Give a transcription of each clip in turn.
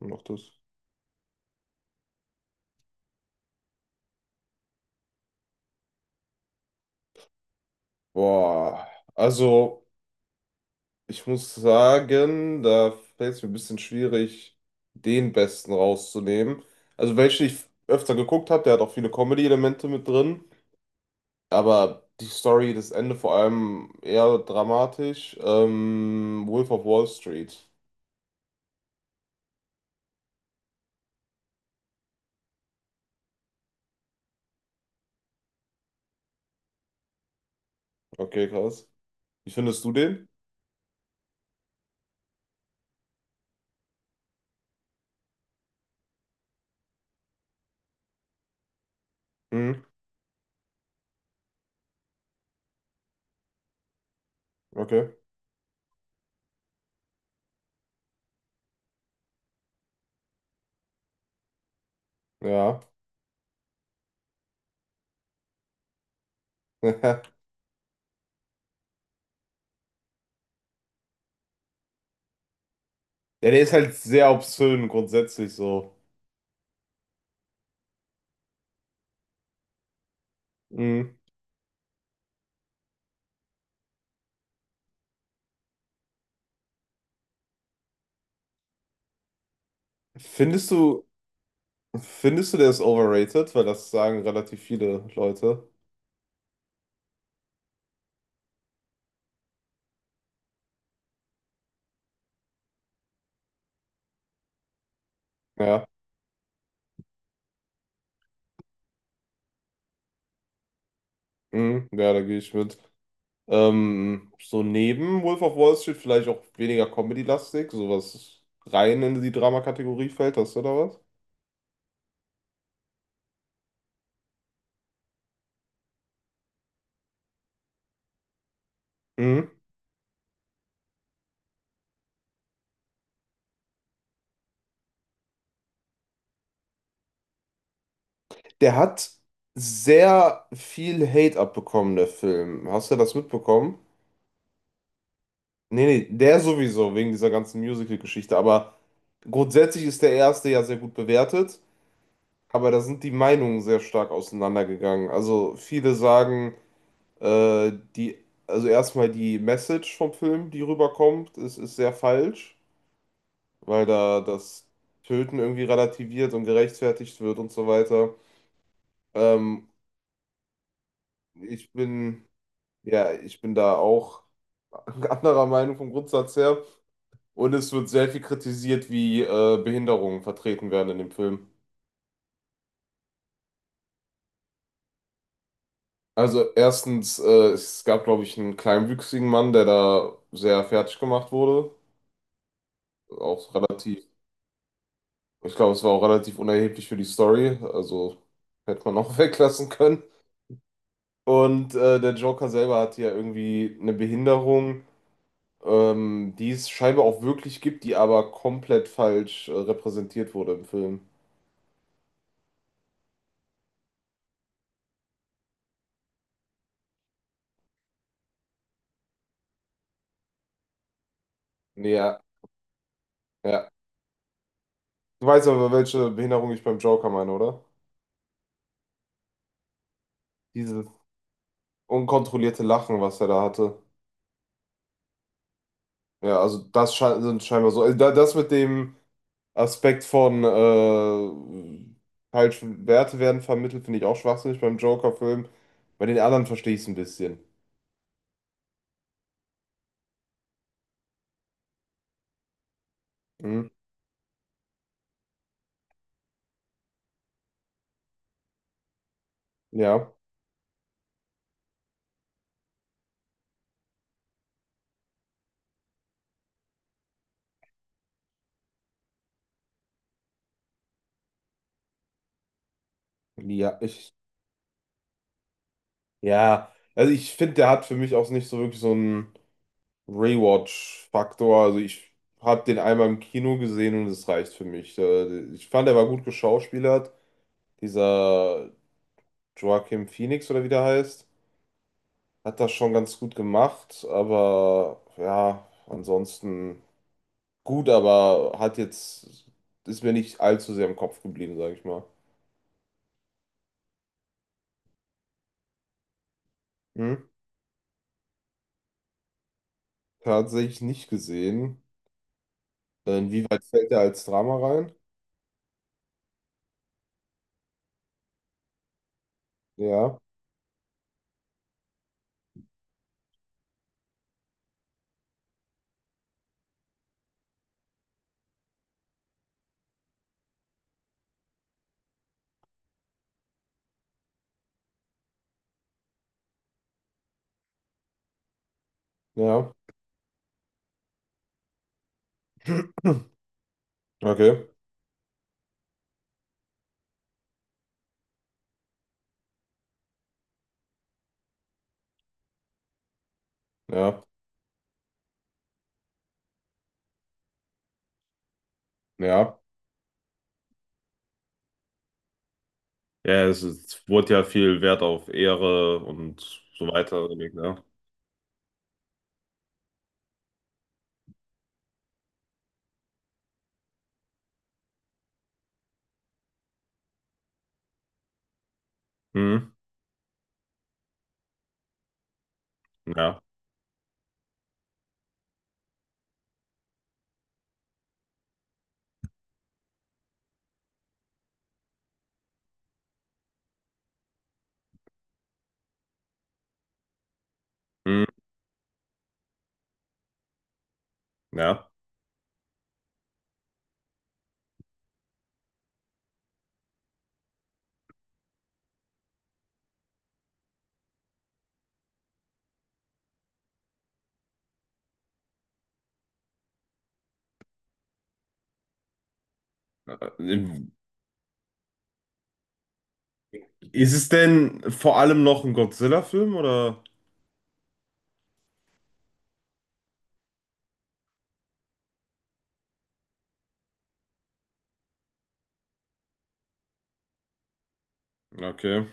Noch das. Boah, also ich muss sagen, da fällt es mir ein bisschen schwierig, den Besten rauszunehmen. Also welchen ich öfter geguckt habe, der hat auch viele Comedy-Elemente mit drin. Aber die Story, das Ende vor allem eher dramatisch. Wolf of Wall Street. Okay, krass. Wie findest du den? Hm, okay. Ja. Ja, der ist halt sehr obszön grundsätzlich so. Hm. Findest du. Findest du, der ist overrated? Weil das sagen relativ viele Leute. Ja, mhm. Ja, da gehe ich mit. So neben Wolf of Wall Street vielleicht auch weniger Comedy-lastig, sowas rein in die Drama-Kategorie fällt, hast du da was? Mhm. Der hat sehr viel Hate abbekommen, der Film. Hast du das mitbekommen? Nee, nee, der sowieso, wegen dieser ganzen Musical-Geschichte. Aber grundsätzlich ist der erste ja sehr gut bewertet. Aber da sind die Meinungen sehr stark auseinandergegangen. Also viele sagen, die, also erstmal die Message vom Film, die rüberkommt, ist sehr falsch, weil da das Töten irgendwie relativiert und gerechtfertigt wird und so weiter. Ähm, ich bin, ja, ich bin da auch anderer Meinung vom Grundsatz her. Und es wird sehr viel kritisiert, wie Behinderungen vertreten werden in dem Film. Also erstens, es gab, glaube ich, einen kleinwüchsigen Mann, der da sehr fertig gemacht wurde. Auch relativ. Ich glaube, es war auch relativ unerheblich für die Story, also hätte man auch weglassen können. Und der Joker selber hatte ja irgendwie eine Behinderung, die es scheinbar auch wirklich gibt, die aber komplett falsch repräsentiert wurde im Film. Nee, ja, ja. Du weißt aber, welche Behinderung ich beim Joker meine, oder? Dieses unkontrollierte Lachen, was er da hatte. Ja, also das scheint, sind scheinbar so. Also da, das mit dem Aspekt von falsche Werte werden vermittelt, finde ich auch schwachsinnig beim Joker-Film. Bei den anderen verstehe ich es ein bisschen. Hm? Ja, ja, ja. Also ich finde, der hat für mich auch nicht so wirklich so einen Rewatch-Faktor. Also ich habe den einmal im Kino gesehen und es reicht für mich. Ich fand, er war gut geschauspielert. Dieser Joaquin Phoenix oder wie der heißt, hat das schon ganz gut gemacht. Aber ja, ansonsten. Gut, aber hat jetzt, ist mir nicht allzu sehr im Kopf geblieben, sage ich mal. Hm? Tatsächlich nicht gesehen. Inwieweit fällt er als Drama rein? Ja, ja. Okay, ja, ja. Ja, es wurde ja viel Wert auf Ehre und so weiter gelegt, ne? Hm, ja, hm, ja. Äh, Ist es denn vor allem noch ein Godzilla-Film oder? Okay.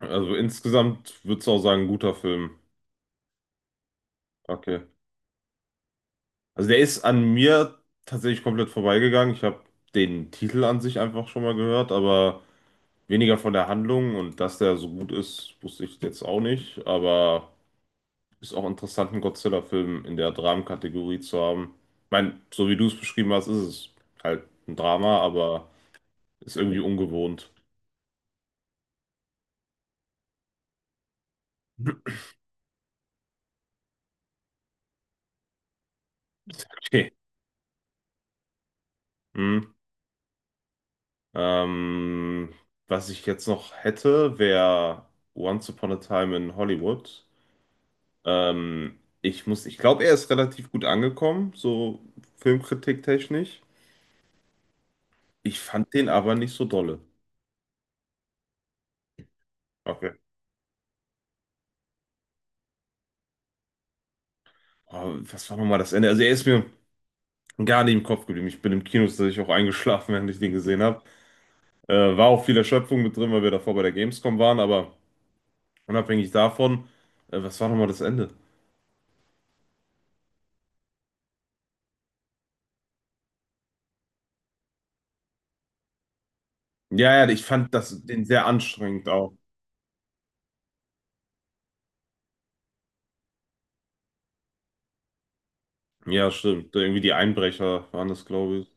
Also insgesamt würdest du auch sagen, guter Film. Okay. Also der ist an mir tatsächlich komplett vorbeigegangen. Ich habe den Titel an sich einfach schon mal gehört, aber weniger von der Handlung, und dass der so gut ist, wusste ich jetzt auch nicht. Aber ist auch interessant, einen Godzilla-Film in der Dramenkategorie zu haben. Ich meine, so wie du es beschrieben hast, ist es halt ein Drama, aber ist irgendwie ungewohnt. Okay. Hm. Ähm, was ich jetzt noch hätte, wäre Once Upon a Time in Hollywood. Ich glaube, er ist relativ gut angekommen, so filmkritiktechnisch. Ich fand den aber nicht so dolle. Okay. Aber was war nochmal das Ende? Also er ist mir gar nicht im Kopf geblieben. Ich bin im Kino tatsächlich auch eingeschlafen, während ich den gesehen habe. War auch viel Erschöpfung mit drin, weil wir davor bei der Gamescom waren, aber unabhängig davon, was war nochmal das Ende? Ja, ja, ich fand das, den sehr anstrengend auch. Ja, stimmt. Irgendwie die Einbrecher waren das, glaube ich.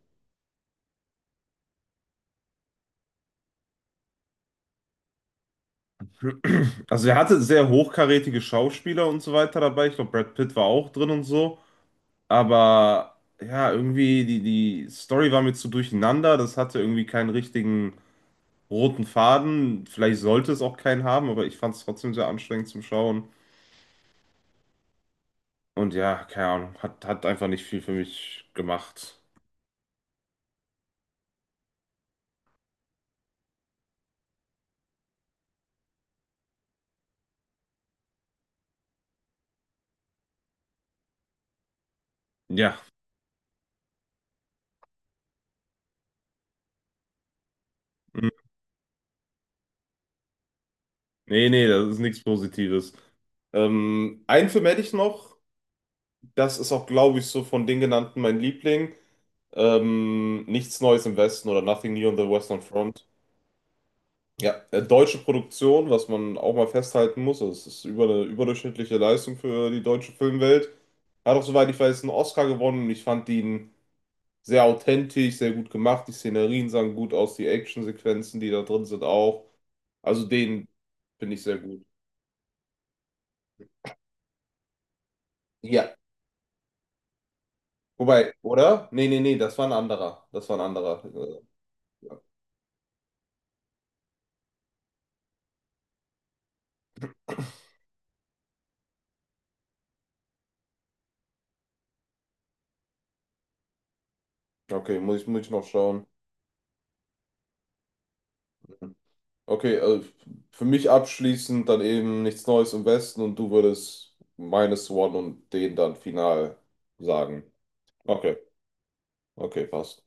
Also er hatte sehr hochkarätige Schauspieler und so weiter dabei. Ich glaube, Brad Pitt war auch drin und so. Aber ja, irgendwie die Story war mir zu durcheinander. Das hatte irgendwie keinen richtigen roten Faden. Vielleicht sollte es auch keinen haben, aber ich fand es trotzdem sehr anstrengend zum Schauen. Und ja, keine Ahnung, hat einfach nicht viel für mich gemacht. Ja, hm. Nee, nee, das ist nichts Positives. Einen Film hätte ich noch. Das ist auch, glaube ich, so von den genannten mein Liebling. Nichts Neues im Westen oder Nothing New on the Western Front. Ja, deutsche Produktion, was man auch mal festhalten muss, also es ist über eine überdurchschnittliche Leistung für die deutsche Filmwelt. Hat auch, soweit ich weiß, einen Oscar gewonnen und ich fand ihn sehr authentisch, sehr gut gemacht. Die Szenerien sahen gut aus, die Actionsequenzen, die da drin sind, auch. Also den finde ich sehr gut. Ja. Wobei, oder? Nee, nee, nee, das war ein anderer. Das war ein anderer. Ja. Okay, muss ich noch schauen. Okay, also für mich abschließend dann eben nichts Neues im Westen und du würdest Minus One und den dann final sagen. Okay, okay, passt.